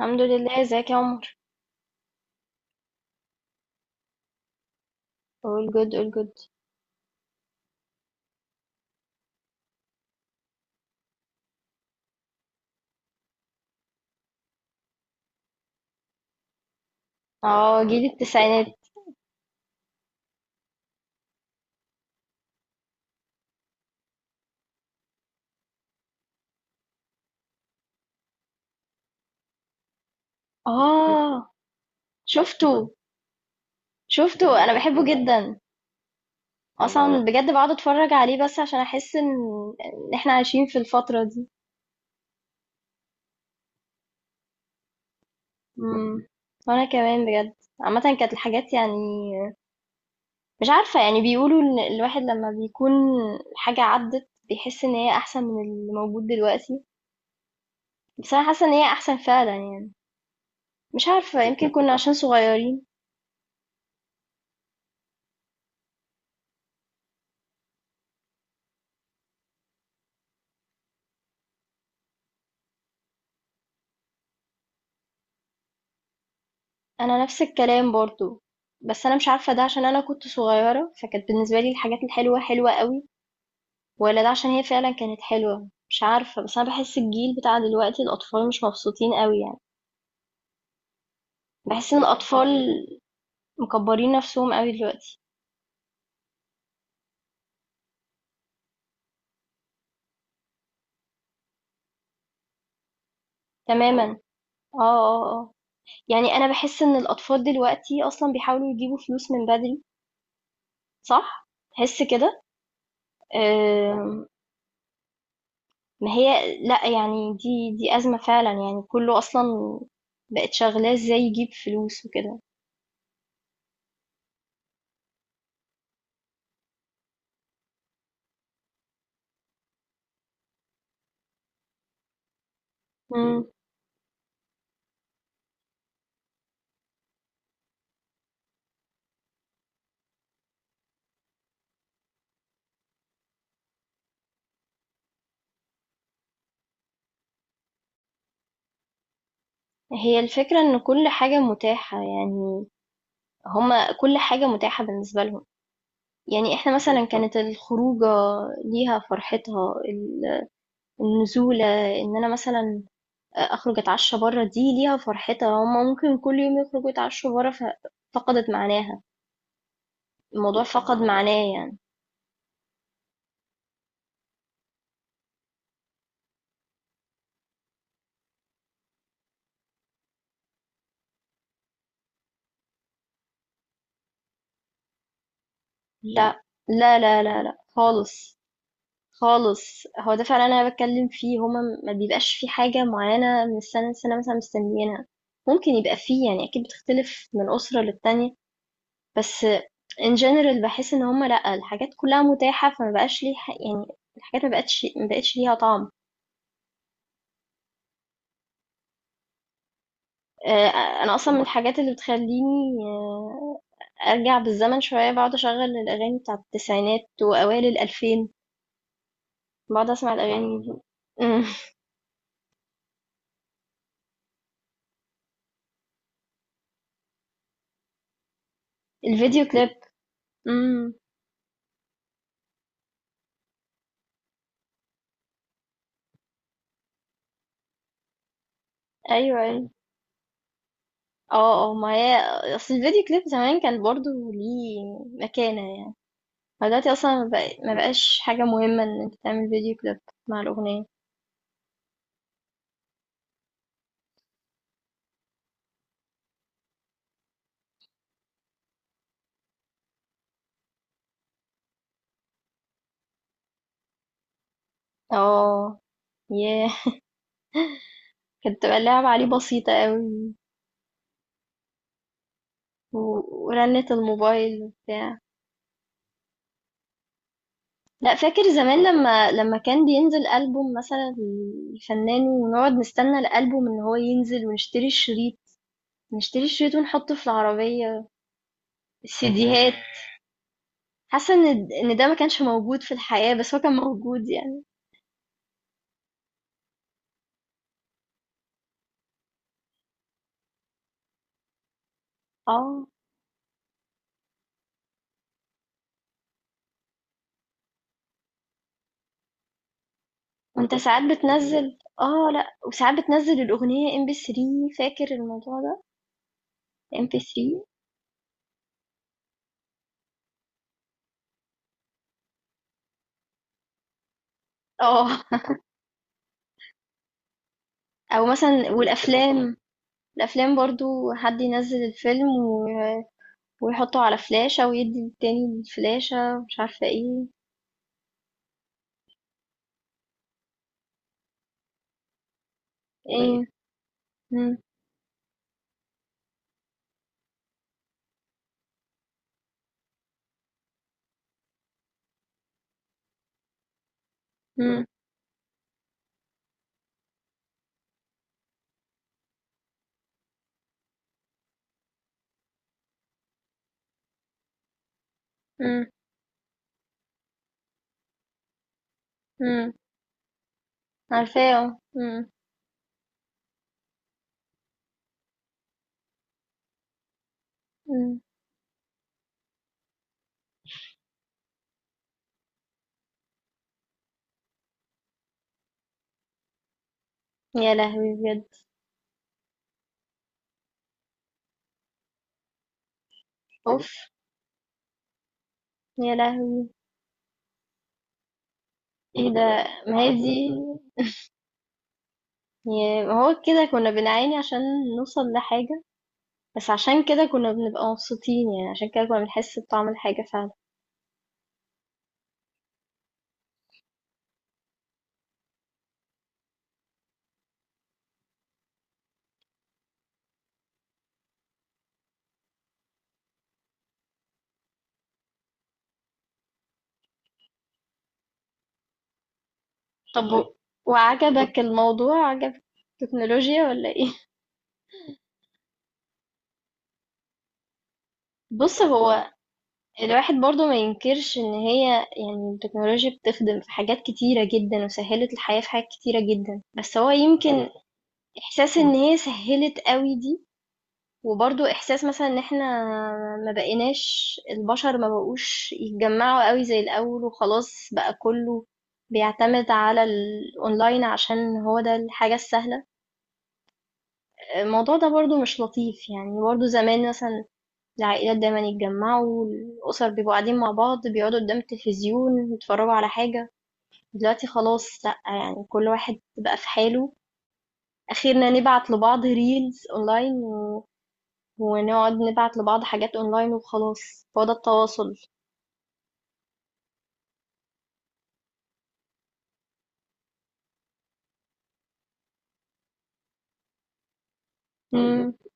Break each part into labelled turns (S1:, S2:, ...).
S1: الحمد لله، ازيك يا عمر؟ All good, all good. اه، جيل التسعينات. اه، شفته. شفته انا بحبه جدا. اصلا بجد بقعد اتفرج عليه بس عشان احس ان احنا عايشين في الفترة دي. امم، وانا كمان بجد. عامة كانت الحاجات يعني مش عارفة، يعني بيقولوا ان الواحد لما بيكون حاجة عدت بيحس ان هي احسن من اللي موجود دلوقتي، بس انا حاسة ان هي احسن فعلا يعني. مش عارفة، يمكن كنا عشان صغيرين. أنا نفس الكلام برضه، بس أنا مش عارفة ده عشان أنا كنت صغيرة فكانت بالنسبة لي الحاجات الحلوة حلوة قوي، ولا ده عشان هي فعلا كانت حلوة. مش عارفة، بس أنا بحس الجيل بتاع دلوقتي الأطفال مش مبسوطين قوي يعني. بحس إن الأطفال مكبرين نفسهم قوي دلوقتي. تماما. اه، اه، اه. يعني أنا بحس إن الأطفال دلوقتي أصلا بيحاولوا يجيبوا فلوس من بدري. صح؟ تحس كده؟ آم، ما هي لأ، يعني دي أزمة فعلًا، يعني كُلّه أصلًا بقت شغّلاه إزاي يجيب فلوس وكده. إمم. هي الفكرة إن كل حاجة متاحة، يعني هُم كل حاجة متاحة بالنسبة لهم. يعني إحنا مثلًا بالضبط. كانت الخروجة ليها فرحتها، ال النزولة، إن أنا مثلًا أخرج أتعشّى برّه دي ليها فرحتها، هُم ممكن كل يوم يخرجوا يتعشّوا برّه، ف فقدت معناها. الموضوع فقد معناه. معناه يعني. لأ، لا، لا، لا، لأ خالص. خالص، هو ده فعلا انا بتكلم فيه. ما بيبقاش في حاجه معينه من السنه لسنه مثلا مستنيينها. ممكن يبقى فيه يعني، اكيد بتختلف من اسره للتانية، بس in general بحس ان هما لا، الحاجات كلها متاحه، فما بقاش ليه يعني، الحاجات ما بقتش ليها طعم. آه، انا اصلا من الحاجات اللي بتخليني آه، ارجع بالزمن شويه، بقعد اشغل الاغاني بتاعه التسعينات واوائل الالفين. بقعد اسمع الاغاني دي. أمم. الفيديو كليب. امم، ايوه أيوة. اه اه، ما هي اصل الفيديو كليب زمان كان برضو ليه مكانة يعني. فدلوقتي اصلا ما بقاش حاجة مهمة ان انت تعمل فيديو كليب مع الأغنية. اه. ياه، كانت بتبقى اللعبة عليه بسيطة قوي. ورنة الموبايل وبتاع. لا، فاكر زمان لما كان بينزل ألبوم مثلا الفنان، ونقعد نستنى الألبوم ان هو ينزل ونشتري الشريط. نشتري الشريط ونحطه في العربية. السيديهات. حاسة إن د إن ده ما كانش موجود في الحياة، بس هو كان موجود يعني. آه، وأنت موجود ساعات دلوقتي بتنزّل. آه، لأ، وساعات بتنزّل الأغنية MP3. فاكر الموضوع ده؟ MP3. آه. أو مثلًا والأفلام، الأفلام برضه حد ينزّل الفيلم و ويحطه على فلاشة ويدّي للتاني الفلاشة ومش عارفة إيه. إيه؟ إمم. إمم. إمم. إمم. عارفاه. آه، إمم. إمم. يا لهوي بجد! أوف، يا لهوي! إيه ده! ما هي دي، يعني هو كده كنا بنعاني عشان نوصل لحاجة، بس عشان كده كنا بنبقى مبسوطين يعني، عشان كده كنا بنحس بطعم الحاجة فعلا. طب وعجبك الموضوع؟ عجبك التكنولوجيا ولا ايه؟ بص، هو الواحد برضو ما ينكرش ان هي، يعني التكنولوجيا بتخدم في حاجات كتيرة جدا وسهلت الحياة في حاجات كتيرة جدا، بس هو يمكن احساس ان هي سهلت قوي دي، وبرضو احساس مثلا ان احنا ما بقيناش، البشر ما بقوش يتجمعوا قوي زي الاول، وخلاص بقى كله بيعتمد على الاونلاين عشان هو ده الحاجة السهلة. الموضوع ده برضو مش لطيف يعني. برضو زمان مثلا العائلات دايما يتجمعوا، الأسر بيبقوا قاعدين مع بعض، بيقعدوا قدام التلفزيون يتفرجوا على حاجة. دلوقتي خلاص لأ، يعني كل واحد بقى في حاله. أخيرا نبعت لبعض ريلز أونلاين، و... ونقعد نبعت لبعض حاجات أونلاين، وخلاص هو ده التواصل. ايوه، مم.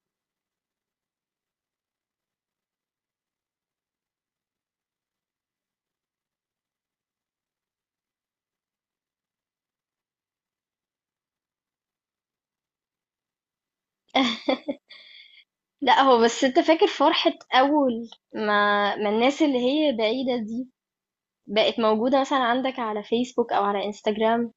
S1: لا، هو بس انت فاكر فرحة أول ما الناس اللي هي بعيدة دي بقت موجودة مثلا عندك على فيسبوك أو على انستجرام؟ اه،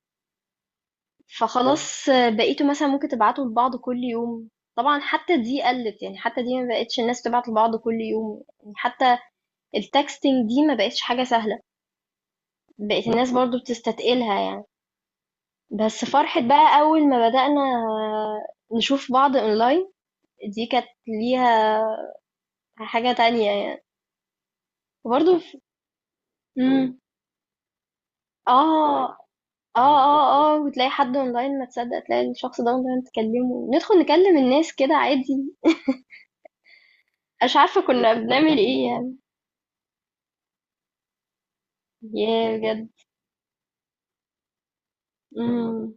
S1: فخلاص بقيتوا مثلا ممكن تبعتوا لبعض كل يوم. طبعا حتى دي قلت، يعني حتى دي ما بقتش الناس تبعت لبعض كل يوم، يعني حتى التكستنج دي ما بقتش حاجة سهلة. بقت الناس برضو بتستتقلها يعني. بس فرحة بقى أول ما بدأنا نشوف بعض أونلاين، دي كانت ليها حاجة تانية يعني. وبرضه ف إمم. آه، آه، آه، آه، وتلاقي حد أونلاين ما تصدّق، تلاقي الشخص ده أونلاين تكلّمه، ندخل نكلّم الناس كده عادي. أنا مش عارفة كُنّا بنعمل إيه يعني. ياه بجد! إمم.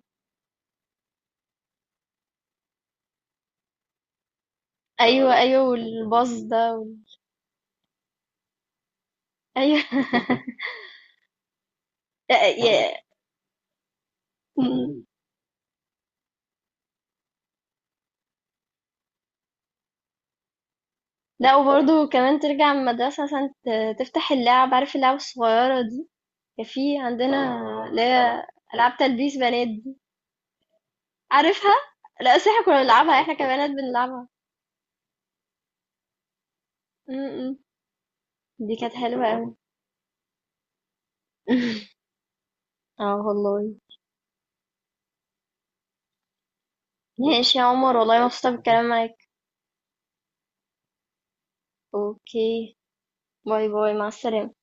S1: أيوه، أيوه، والباص ده و أيوه. أ ي إمم. لأ، وبرضه كمان ترجع من المدرسة مثلًا، تفتح اللعَب، عارف اللعَب الصغيّرة دي؟ كان في عندنا اللي هي ألعاب تلبيس بنات دي. عارفها؟ لأ أصل إحنا كنا بنلعبها، إحنا كبنات بنلعبها. إمم، إمم. دي كانت حلوة أوي. آه والله. ماشي يا عمر، والله مبسوطة بالكلام معاك. أوكي، باي، باي، مع السلامة.